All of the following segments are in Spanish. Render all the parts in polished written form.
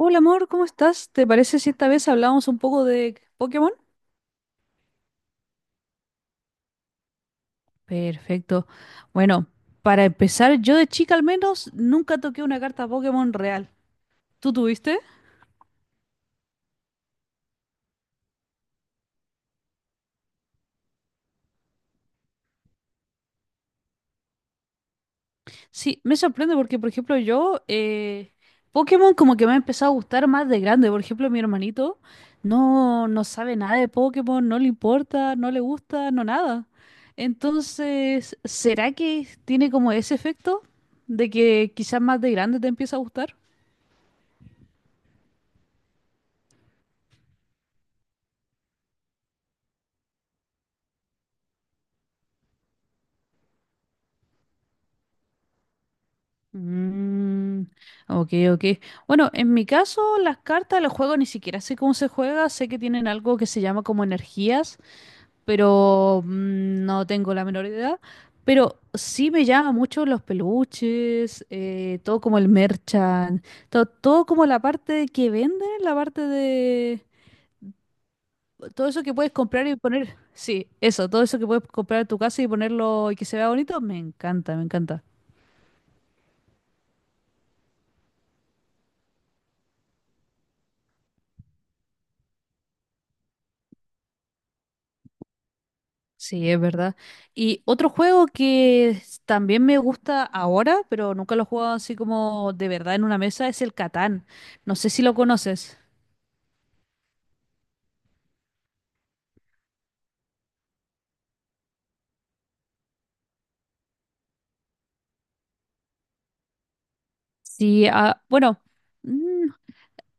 Hola amor, ¿cómo estás? ¿Te parece si esta vez hablamos un poco de Pokémon? Perfecto. Bueno, para empezar, yo de chica al menos nunca toqué una carta Pokémon real. ¿Tú tuviste? Sí, me sorprende porque, por ejemplo, yo, Pokémon como que me ha empezado a gustar más de grande. Por ejemplo, mi hermanito no, no sabe nada de Pokémon, no le importa, no le gusta, no nada. Entonces, ¿será que tiene como ese efecto de que quizás más de grande te empieza a gustar? Mm, ok, ok. Bueno, en mi caso, las cartas, los juegos ni siquiera sé cómo se juega. Sé que tienen algo que se llama como energías, pero no tengo la menor idea. Pero sí me llama mucho los peluches, todo como el merchant, todo como la parte que venden, la parte de todo eso que puedes comprar y poner. Sí, eso, todo eso que puedes comprar en tu casa y ponerlo y que se vea bonito, me encanta, me encanta. Sí, es verdad. Y otro juego que también me gusta ahora, pero nunca lo he jugado así como de verdad en una mesa, es el Catán. No sé si lo conoces. Sí, ah, bueno, mm,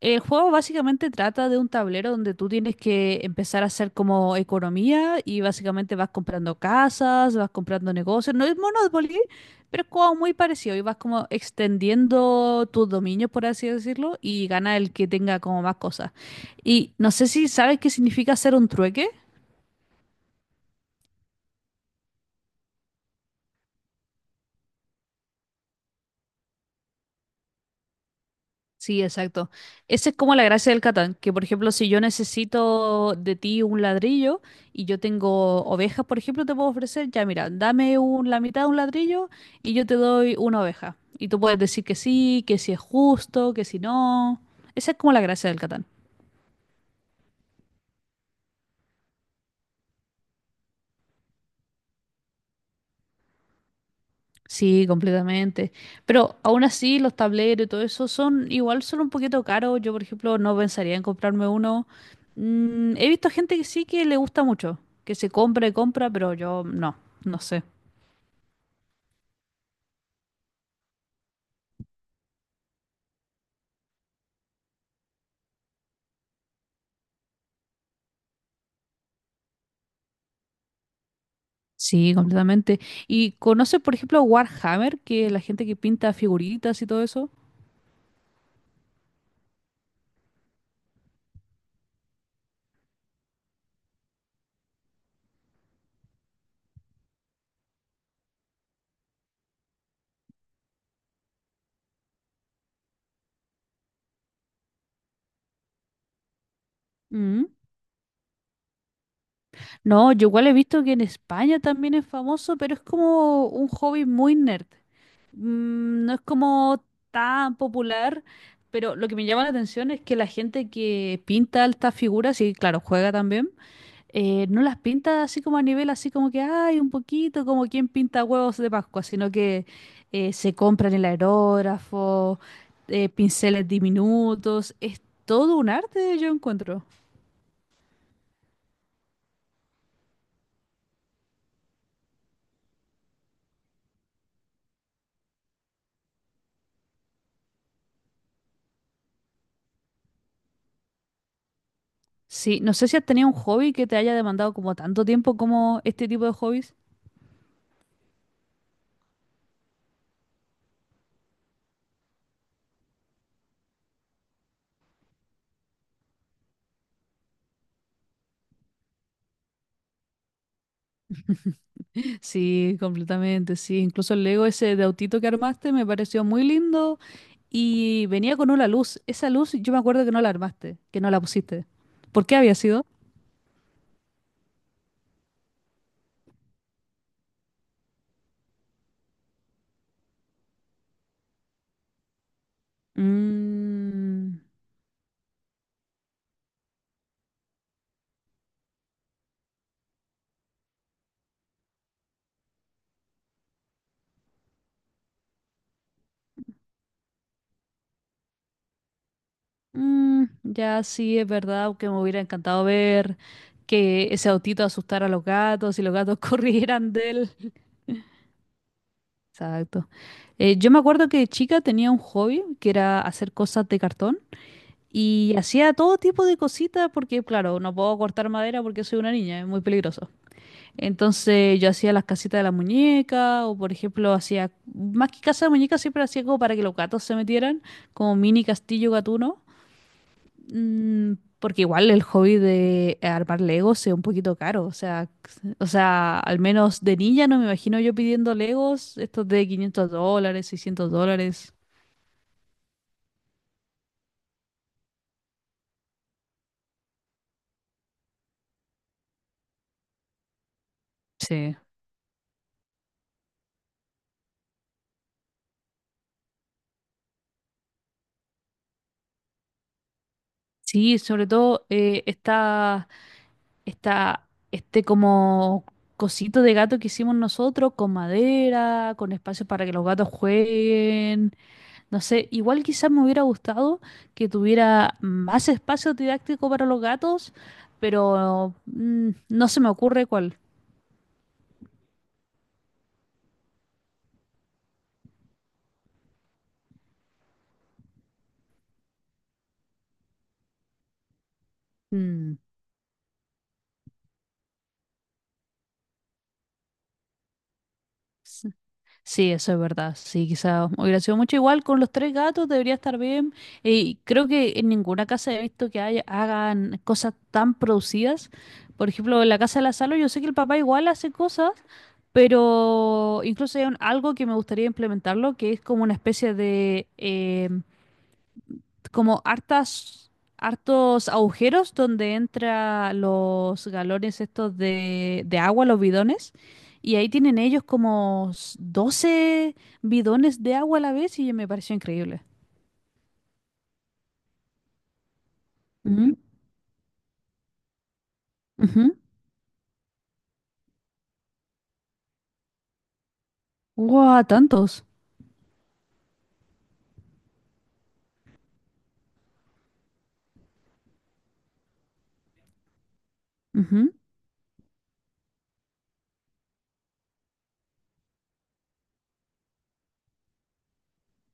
El juego básicamente trata de un tablero donde tú tienes que empezar a hacer como economía y básicamente vas comprando casas, vas comprando negocios. No es Monopoly, pero es como muy parecido y vas como extendiendo tus dominios, por así decirlo, y gana el que tenga como más cosas. Y no sé si sabes qué significa hacer un trueque. Sí, exacto. Esa es como la gracia del Catán, que por ejemplo, si yo necesito de ti un ladrillo y yo tengo ovejas, por ejemplo, te puedo ofrecer, ya mira, dame la mitad de un ladrillo y yo te doy una oveja. Y tú puedes decir que sí, que si es justo, que si no. Esa es como la gracia del Catán. Sí, completamente. Pero aún así, los tableros y todo eso son igual, son un poquito caros. Yo, por ejemplo, no pensaría en comprarme uno. He visto gente que sí que le gusta mucho, que se compra y compra, pero yo no, no sé. Sí, completamente. ¿Y conoces, por ejemplo, Warhammer, que es la gente que pinta figuritas y todo eso? Mm. No, yo igual he visto que en España también es famoso, pero es como un hobby muy nerd. No es como tan popular, pero lo que me llama la atención es que la gente que pinta estas figuras, y claro, juega también, no las pinta así como a nivel, así como que hay un poquito, como quien pinta huevos de Pascua, sino que se compran el aerógrafo, pinceles diminutos, es todo un arte, yo encuentro. Sí, no sé si has tenido un hobby que te haya demandado como tanto tiempo como este tipo de hobbies. Sí, completamente, sí. Incluso el Lego ese de autito que armaste me pareció muy lindo y venía con una luz. Esa luz yo me acuerdo que no la armaste, que no la pusiste. ¿Por qué había sido? Mm, ya sí, es verdad que me hubiera encantado ver que ese autito asustara a los gatos y los gatos corrieran de él. Exacto. Yo me acuerdo que de chica tenía un hobby que era hacer cosas de cartón. Y hacía todo tipo de cositas porque, claro, no puedo cortar madera porque soy una niña, es muy peligroso. Entonces yo hacía las casitas de la muñeca o, por ejemplo, hacía, más que casa de muñeca, siempre hacía como para que los gatos se metieran, como mini castillo gatuno. Mm, Porque igual el hobby de armar Legos es un poquito caro. O sea, o sea, al menos de niña no me imagino yo pidiendo Legos, estos de $500, $600. Sí. Sí, sobre todo está este como cosito de gato que hicimos nosotros con madera, con espacio para que los gatos jueguen. No sé, igual quizás me hubiera gustado que tuviera más espacio didáctico para los gatos, pero no se me ocurre cuál. Mm, Sí, eso es verdad. Sí, quizá hubiera sido mucho igual con los tres gatos, debería estar bien. Y creo que en ninguna casa he visto que hagan cosas tan producidas. Por ejemplo, en la casa de la Salo, yo sé que el papá igual hace cosas, pero incluso hay algo que me gustaría implementarlo, que es como una especie de, como hartos agujeros donde entra los galones estos de agua, los bidones. Y ahí tienen ellos como 12 bidones de agua a la vez y me pareció increíble. Ujú, ujú. ¡Guau! Tantos. Ujú.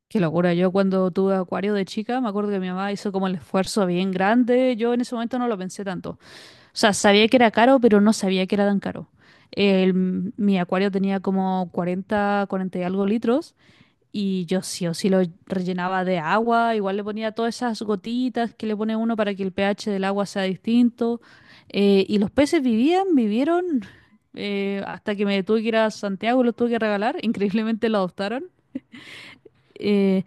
Qué locura. Yo cuando tuve acuario de chica, me acuerdo que mi mamá hizo como el esfuerzo bien grande. Yo en ese momento no lo pensé tanto. O sea, sabía que era caro, pero no sabía que era tan caro. Mi acuario tenía como 40 y algo litros y yo sí o sí lo rellenaba de agua, igual le ponía todas esas gotitas que le pone uno para que el pH del agua sea distinto. Y los peces vivían, vivieron hasta que me tuve que ir a Santiago y los tuve que regalar, increíblemente lo adoptaron. Eh,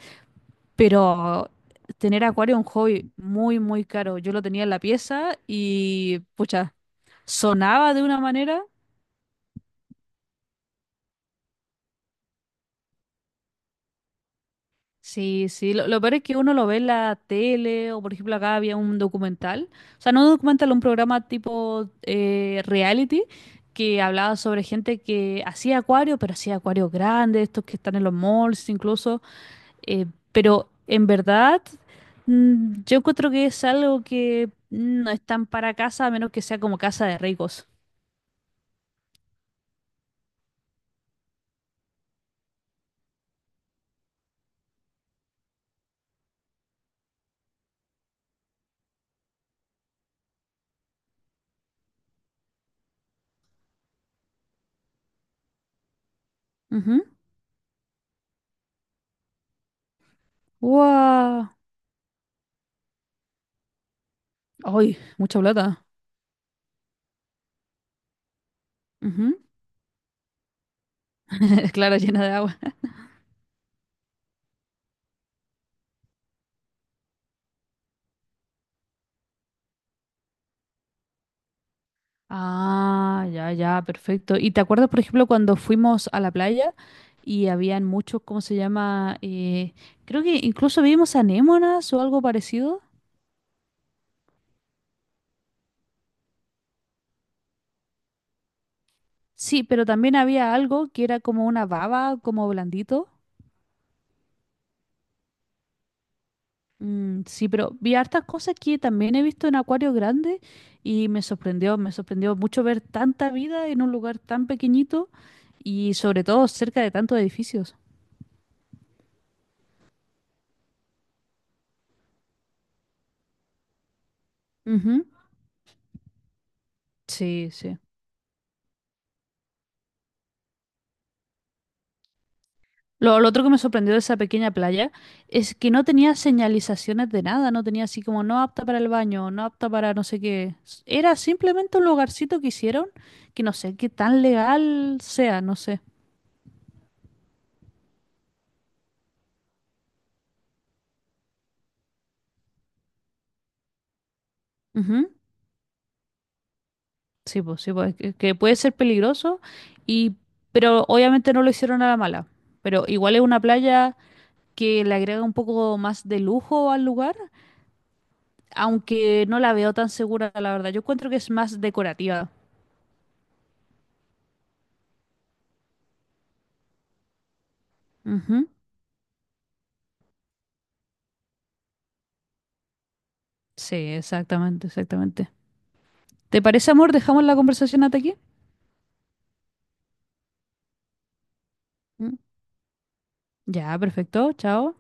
pero tener acuario es un hobby muy, muy caro. Yo lo tenía en la pieza y, pucha, sonaba de una manera. Sí, sí. Lo peor es que uno lo ve en la tele o, por ejemplo, acá había un documental. O sea, no un documental, un programa tipo reality que hablaba sobre gente que hacía acuario, pero hacía acuarios grandes, estos que están en los malls incluso. Eh, pero en verdad, yo encuentro que es algo que no es tan para casa, a menos que sea como casa de ricos. Ujú. ¡Guau! ¡Ay, mucha plata! Ujú. Claro, llena de agua. Ah, ya, ya, perfecto. ¿Y te acuerdas, por ejemplo, cuando fuimos a la playa y habían muchos, ¿cómo se llama? Creo que incluso vimos anémonas o algo parecido. Sí, pero también había algo que era como una baba, como blandito. Sí, pero vi hartas cosas que también he visto en acuarios grandes y me sorprendió mucho ver tanta vida en un lugar tan pequeñito y sobre todo cerca de tantos edificios. Ujú. Sí, sí. Lo otro que me sorprendió de esa pequeña playa es que no tenía señalizaciones de nada, no tenía así como no apta para el baño, no apta para no sé qué. Era simplemente un lugarcito que hicieron que no sé qué tan legal sea, no sé. Sí, pues, que puede ser peligroso y pero obviamente no lo hicieron a la mala, pero igual es una playa que le agrega un poco más de lujo al lugar, aunque no la veo tan segura, la verdad. Yo encuentro que es más decorativa. Ujú. Sí, exactamente, exactamente. ¿Te parece, amor? ¿Dejamos la conversación hasta aquí? Mm. Ya, perfecto. Chao.